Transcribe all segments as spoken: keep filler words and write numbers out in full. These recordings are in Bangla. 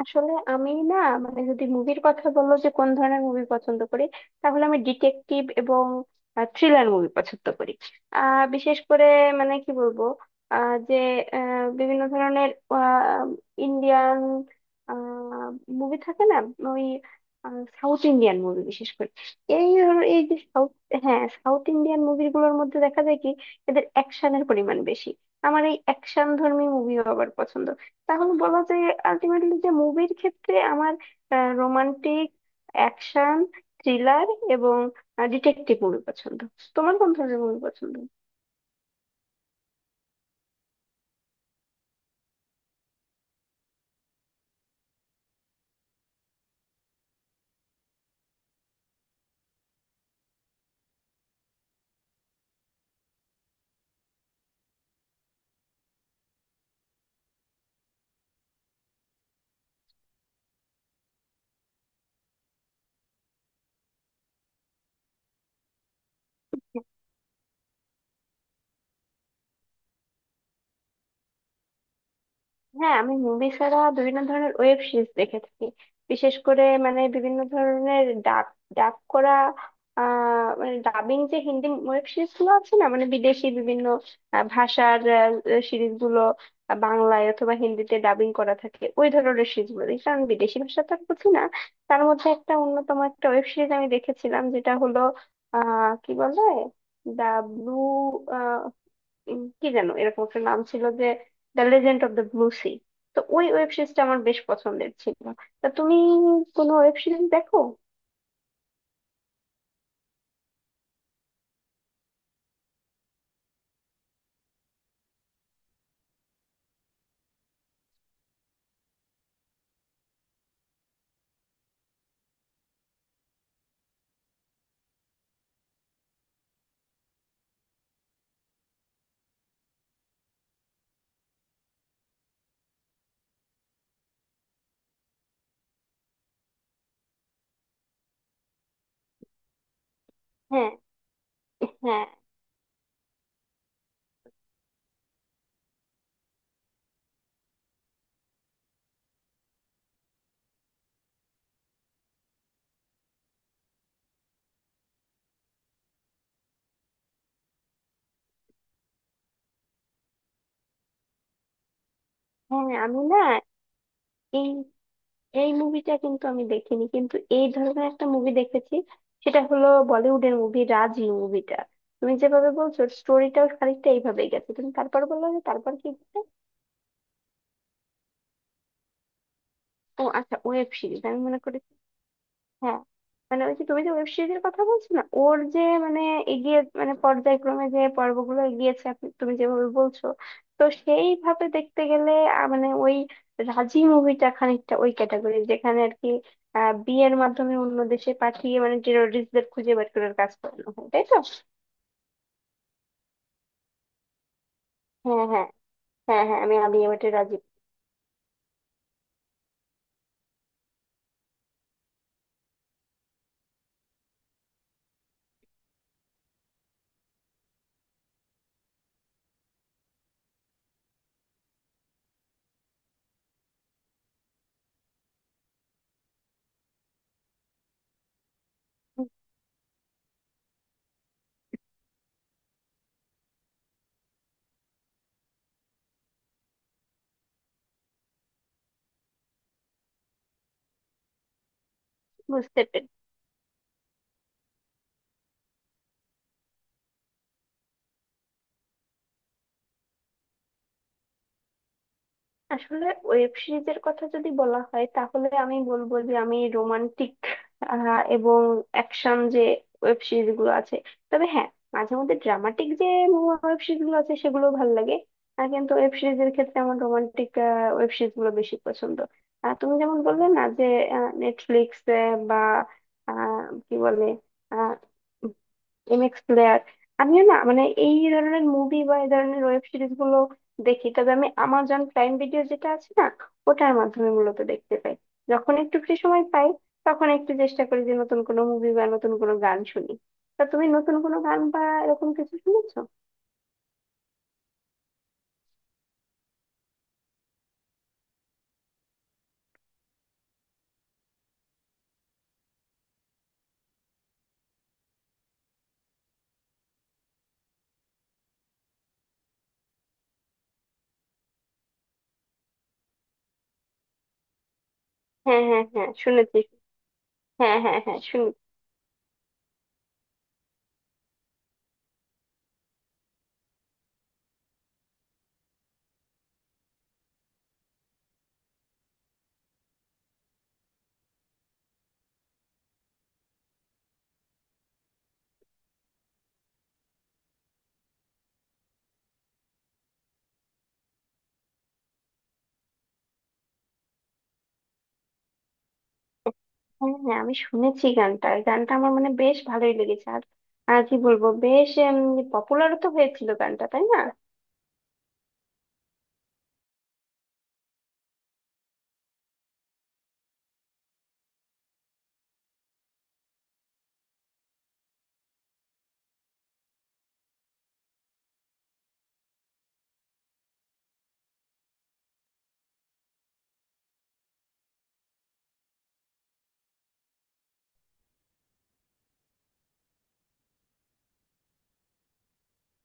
আসলে আমি না, মানে যদি মুভির কথা বললো যে কোন ধরনের মুভি পছন্দ করি, তাহলে আমি ডিটেকটিভ এবং থ্রিলার মুভি পছন্দ করি। আহ বিশেষ করে মানে কি বলবো, আহ যে আহ, বিভিন্ন ধরনের ইন্ডিয়ান মুভি থাকে না, ওই সাউথ ইন্ডিয়ান মুভি বিশেষ করে। এই ধর- এই যে সাউথ, হ্যাঁ সাউথ ইন্ডিয়ান মুভিগুলোর মধ্যে দেখা যায় কি এদের অ্যাকশনের পরিমাণ বেশি। আমার এই অ্যাকশন ধর্মী মুভিও আবার পছন্দ। তাহলে বলা যায় আলটিমেটলি যে মুভির ক্ষেত্রে আমার রোমান্টিক, অ্যাকশন, থ্রিলার এবং ডিটেকটিভ মুভি পছন্দ। তোমার কোন ধরনের মুভি পছন্দ? হ্যাঁ, আমি মুভি ছাড়া বিভিন্ন ধরনের ওয়েব সিরিজ দেখে থাকি। বিশেষ করে মানে বিভিন্ন ধরনের ডাব, ডাব করা, আহ মানে ডাবিং যে হিন্দি ওয়েব সিরিজ গুলো আছে না, মানে বিদেশি বিভিন্ন আহ, ভাষার সিরিজ গুলো আহ, বাংলায় অথবা হিন্দিতে ডাবিং করা থাকে, ওই ধরনের সিরিজ গুলো দেখি, কারণ বিদেশি ভাষা তো আর বুঝি না। তার মধ্যে একটা অন্যতম একটা ওয়েব সিরিজ আমি দেখেছিলাম যেটা হলো আহ কি বলে, দা ব্লু, উম কি যেন এরকম একটা নাম ছিল যে the legend of the blue sea. তো ওই ওয়েব সিরিজটা আমার বেশ পছন্দের ছিল। তা তুমি কোনো ওয়েব সিরিজ দেখো? হ্যাঁ, হ্যাঁ, হ্যাঁ, আমি না, এই এই মুভিটা কিন্তু আমি দেখিনি, কিন্তু এই ধরনের একটা মুভি দেখেছি। সেটা হলো বলিউডের মুভি রাজি মুভিটা। তুমি যেভাবে বলছো স্টোরিটাও খানিকটা এইভাবেই গেছে। তুমি তারপর বললো যে তারপর কি হচ্ছে? ও আচ্ছা, ওয়েব সিরিজ আমি মনে করি, হ্যাঁ। মানে ওই যে তুমি যে ওয়েব সিরিজের কথা বলছো না ওর যে মানে এগিয়ে মানে পর্যায়ক্রমে যে পর্বগুলো এগিয়েছে আপনি- তুমি যেভাবে বলছো, তো সেইভাবে দেখতে গেলে আহ, মানে ওই রাজি মুভিটা খানিকটা ওই ক্যাটাগরি যেখানে আর কি। আহ, বিয়ের মাধ্যমে অন্য দেশে পাঠিয়ে মানে টেরোরিস্টদের খুঁজে বের করার কাজ করানো হয়, তাই তো? হ্যাঁ, হ্যাঁ, হ্যাঁ, হ্যাঁ, আমি আমি এবারে রাজি বুঝতে পেরেছি। আসলে ওয়েব সিরিজের কথা যদি বলা হয়, তাহলে আমি বলবো যে আমি রোমান্টিক এবং অ্যাকশন যে ওয়েব সিরিজ গুলো আছে, তবে হ্যাঁ মাঝে মধ্যে ড্রামাটিক যে ওয়েব সিরিজ গুলো আছে সেগুলো ভালো লাগে। আর কিন্তু ওয়েব সিরিজের ক্ষেত্রে আমার রোমান্টিক ওয়েব সিরিজ গুলো বেশি পছন্দ। আর তুমি যেমন বললে না যে নেটফ্লিক্স বা আহ, কি বলে এমএক্স প্লেয়ার, আমিও না মানে এই ধরনের মুভি বা এই ধরনের ওয়েব সিরিজ গুলো দেখি। তবে আমি আমাজন প্রাইম ভিডিও যেটা আছে না, ওটার মাধ্যমে মূলত দেখতে পাই। যখন একটু ফ্রি সময় পাই তখন একটু চেষ্টা করি যে নতুন কোনো মুভি বা নতুন কোনো গান শুনি। তা তুমি নতুন কোনো গান বা এরকম কিছু শুনেছো? হ্যাঁ, হ্যাঁ, হ্যাঁ, শুনেছি। হ্যাঁ, হ্যাঁ, হ্যাঁ, শুনেছি। হ্যাঁ, হ্যাঁ, আমি শুনেছি গানটা। এই গানটা আমার মানে বেশ ভালোই লেগেছে। আর আর কি বলবো, বেশ পপুলারও তো হয়েছিল গানটা, তাই না?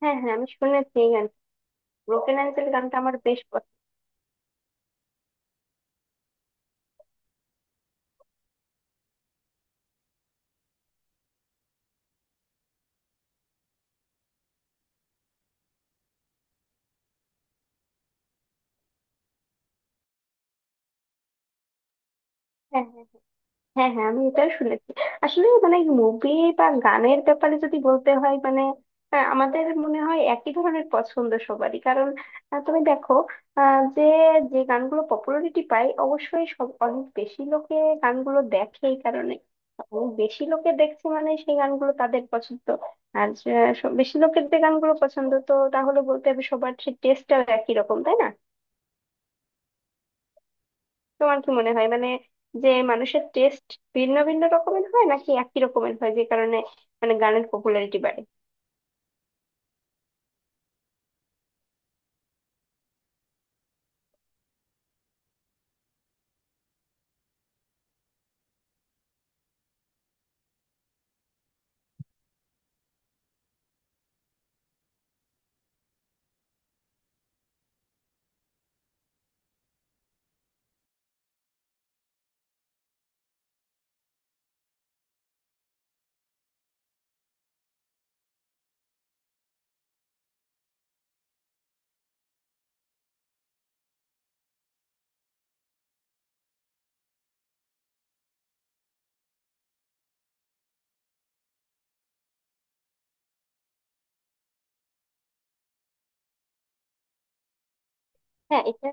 হ্যাঁ, হ্যাঁ, আমি শুনেছি। ব্রোকেন অ্যাঙ্কেল গানটা আমার বেশ পছন্দ। হ্যাঁ, হ্যাঁ, হ্যাঁ, হ্যাঁ, আমি এটা শুনেছি। আসলে মানে মুভি বা গানের ব্যাপারে যদি বলতে হয় মানে আহ, আমাদের মনে হয় একই ধরনের পছন্দ সবারই, কারণ আহ, তুমি দেখো আহ, যে যে গানগুলো পপুলারিটি পায় অবশ্যই সব অনেক বেশি লোকে গানগুলো দেখে। এই কারণে অনেক বেশি লোকে দেখছে মানে সেই গানগুলো তাদের পছন্দ। আর যে সব- বেশি লোকের যে গানগুলো পছন্দ তো তাহলে বলতে হবে সবার সেই টেস্টটাও একই রকম, তাই না? তোমার কি মনে হয় মানে যে মানুষের টেস্ট ভিন্ন ভিন্ন রকমের হয় নাকি একই রকমের হয় যে কারণে মানে গানের পপুলারিটি বাড়ে? হ্যাঁ, এটা,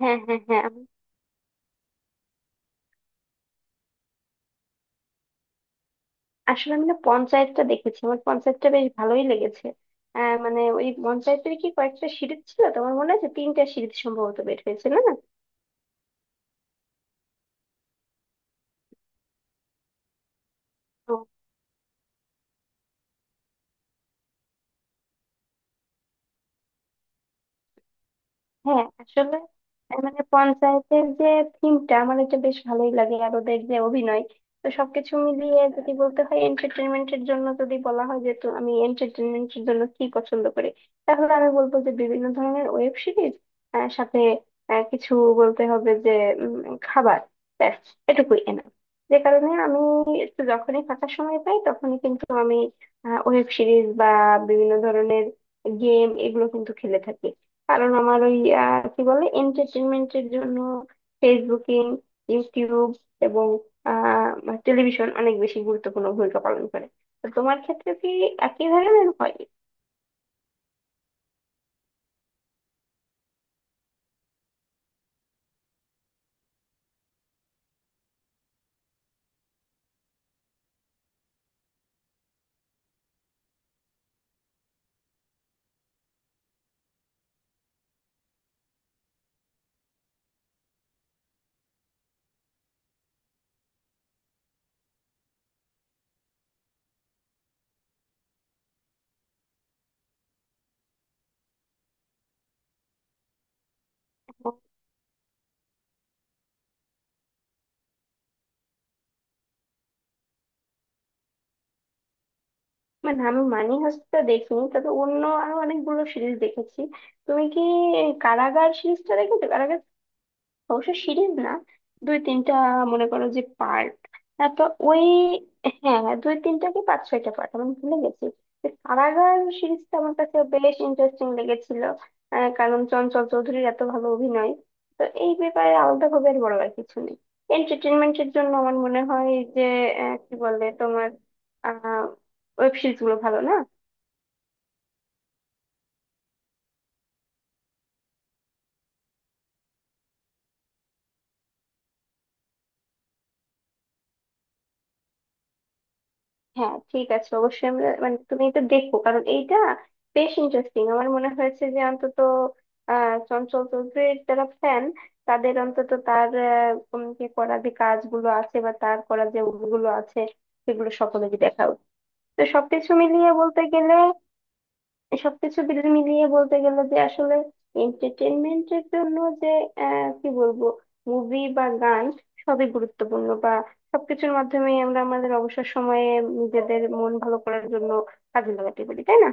হ্যাঁ, হ্যাঁ, হ্যাঁ, আমি। আসলে আমি না পঞ্চায়েতটা দেখেছি, আমার পঞ্চায়েতটা বেশ ভালোই লেগেছে। আহ মানে ওই পঞ্চায়েতের কি কয়েকটা সিরিজ ছিল তোমার মনে আছে? তিনটা সিরিজ সম্ভবত বের হয়েছে না? হ্যাঁ আসলে আহ, মানে পঞ্চায়েতের যে থিমটা আমার এটা বেশ ভালোই লাগে আর ওদের যে অভিনয়, তো সবকিছু মিলিয়ে যদি বলতে হয় এন্টারটেনমেন্টের জন্য যদি বলা হয় যে তো আমি এন্টারটেনমেন্টের জন্য কি পছন্দ করি, তাহলে আমি বলবো যে বিভিন্ন ধরনের ওয়েব সিরিজ, সাথে আহ, কিছু বলতে হবে যে উম, খাবার, ব্যাস এটুকুই এনা। যে কারণে আমি একটু যখনই ফাঁকা সময় পাই তখনই কিন্তু আমি ওয়েব সিরিজ বা বিভিন্ন ধরনের গেম এগুলো কিন্তু খেলে থাকি। কারণ আমার ওই আহ, কি বলে এন্টারটেনমেন্টের জন্য ফেসবুকিং, ইউটিউব এবং টেলিভিশন অনেক বেশি গুরুত্বপূর্ণ ভূমিকা পালন করে। তো তোমার ক্ষেত্রে কি একই ধরনের হয়? মানে আমি মানি হাইস্টটা দেখিনি, তবে অন্য আরো অনেকগুলো সিরিজ দেখেছি। তুমি কি কারাগার সিরিজটা দেখেছো? অবশ্য সিরিজ না, দুই তিনটা মনে করো যে পার্ট, তো ওই হ্যাঁ দুই তিনটা কি পাঁচ ছয়টা পার্ট আমি ভুলে গেছি। তো কারাগার সিরিজটা আমার কাছে বেশ ইন্টারেস্টিং লেগেছিল, আহ, কারণ চঞ্চল চৌধুরীর এত ভালো অভিনয়, তো এই ব্যাপারে আলাদা ভাবে আর বড় আর কিছু নেই এন্টারটেনমেন্টের জন্য আমার মনে হয় যে আহ, কি বলে তোমার আহ ওয়েব সিরিজ গুলো ভালো না। হ্যাঁ ঠিক আছে, অবশ্যই আমরা মানে তুমি এটা দেখো কারণ এইটা বেশ ইন্টারেস্টিং আমার মনে হয়েছে। যে অন্তত আহ চঞ্চল চৌধুরীর যারা ফ্যান, তাদের অন্তত তার আহ, উম, যে করা যে কাজগুলো আছে বা তার করা যে গুলো আছে, সেগুলো সকলেরই দেখা উচিত। তো সবকিছু মিলিয়ে বলতে গেলে, সবকিছু মিল- মিলিয়ে বলতে গেলে যে আসলে এন্টারটেনমেন্টের জন্য যে আহ, কি বলবো মুভি বা গান, সবই গুরুত্বপূর্ণ বা সবকিছুর মাধ্যমেই আমরা আমাদের অবসর সময়ে নিজেদের মন ভালো করার জন্য কাজে লাগাতে পারি, তাই না?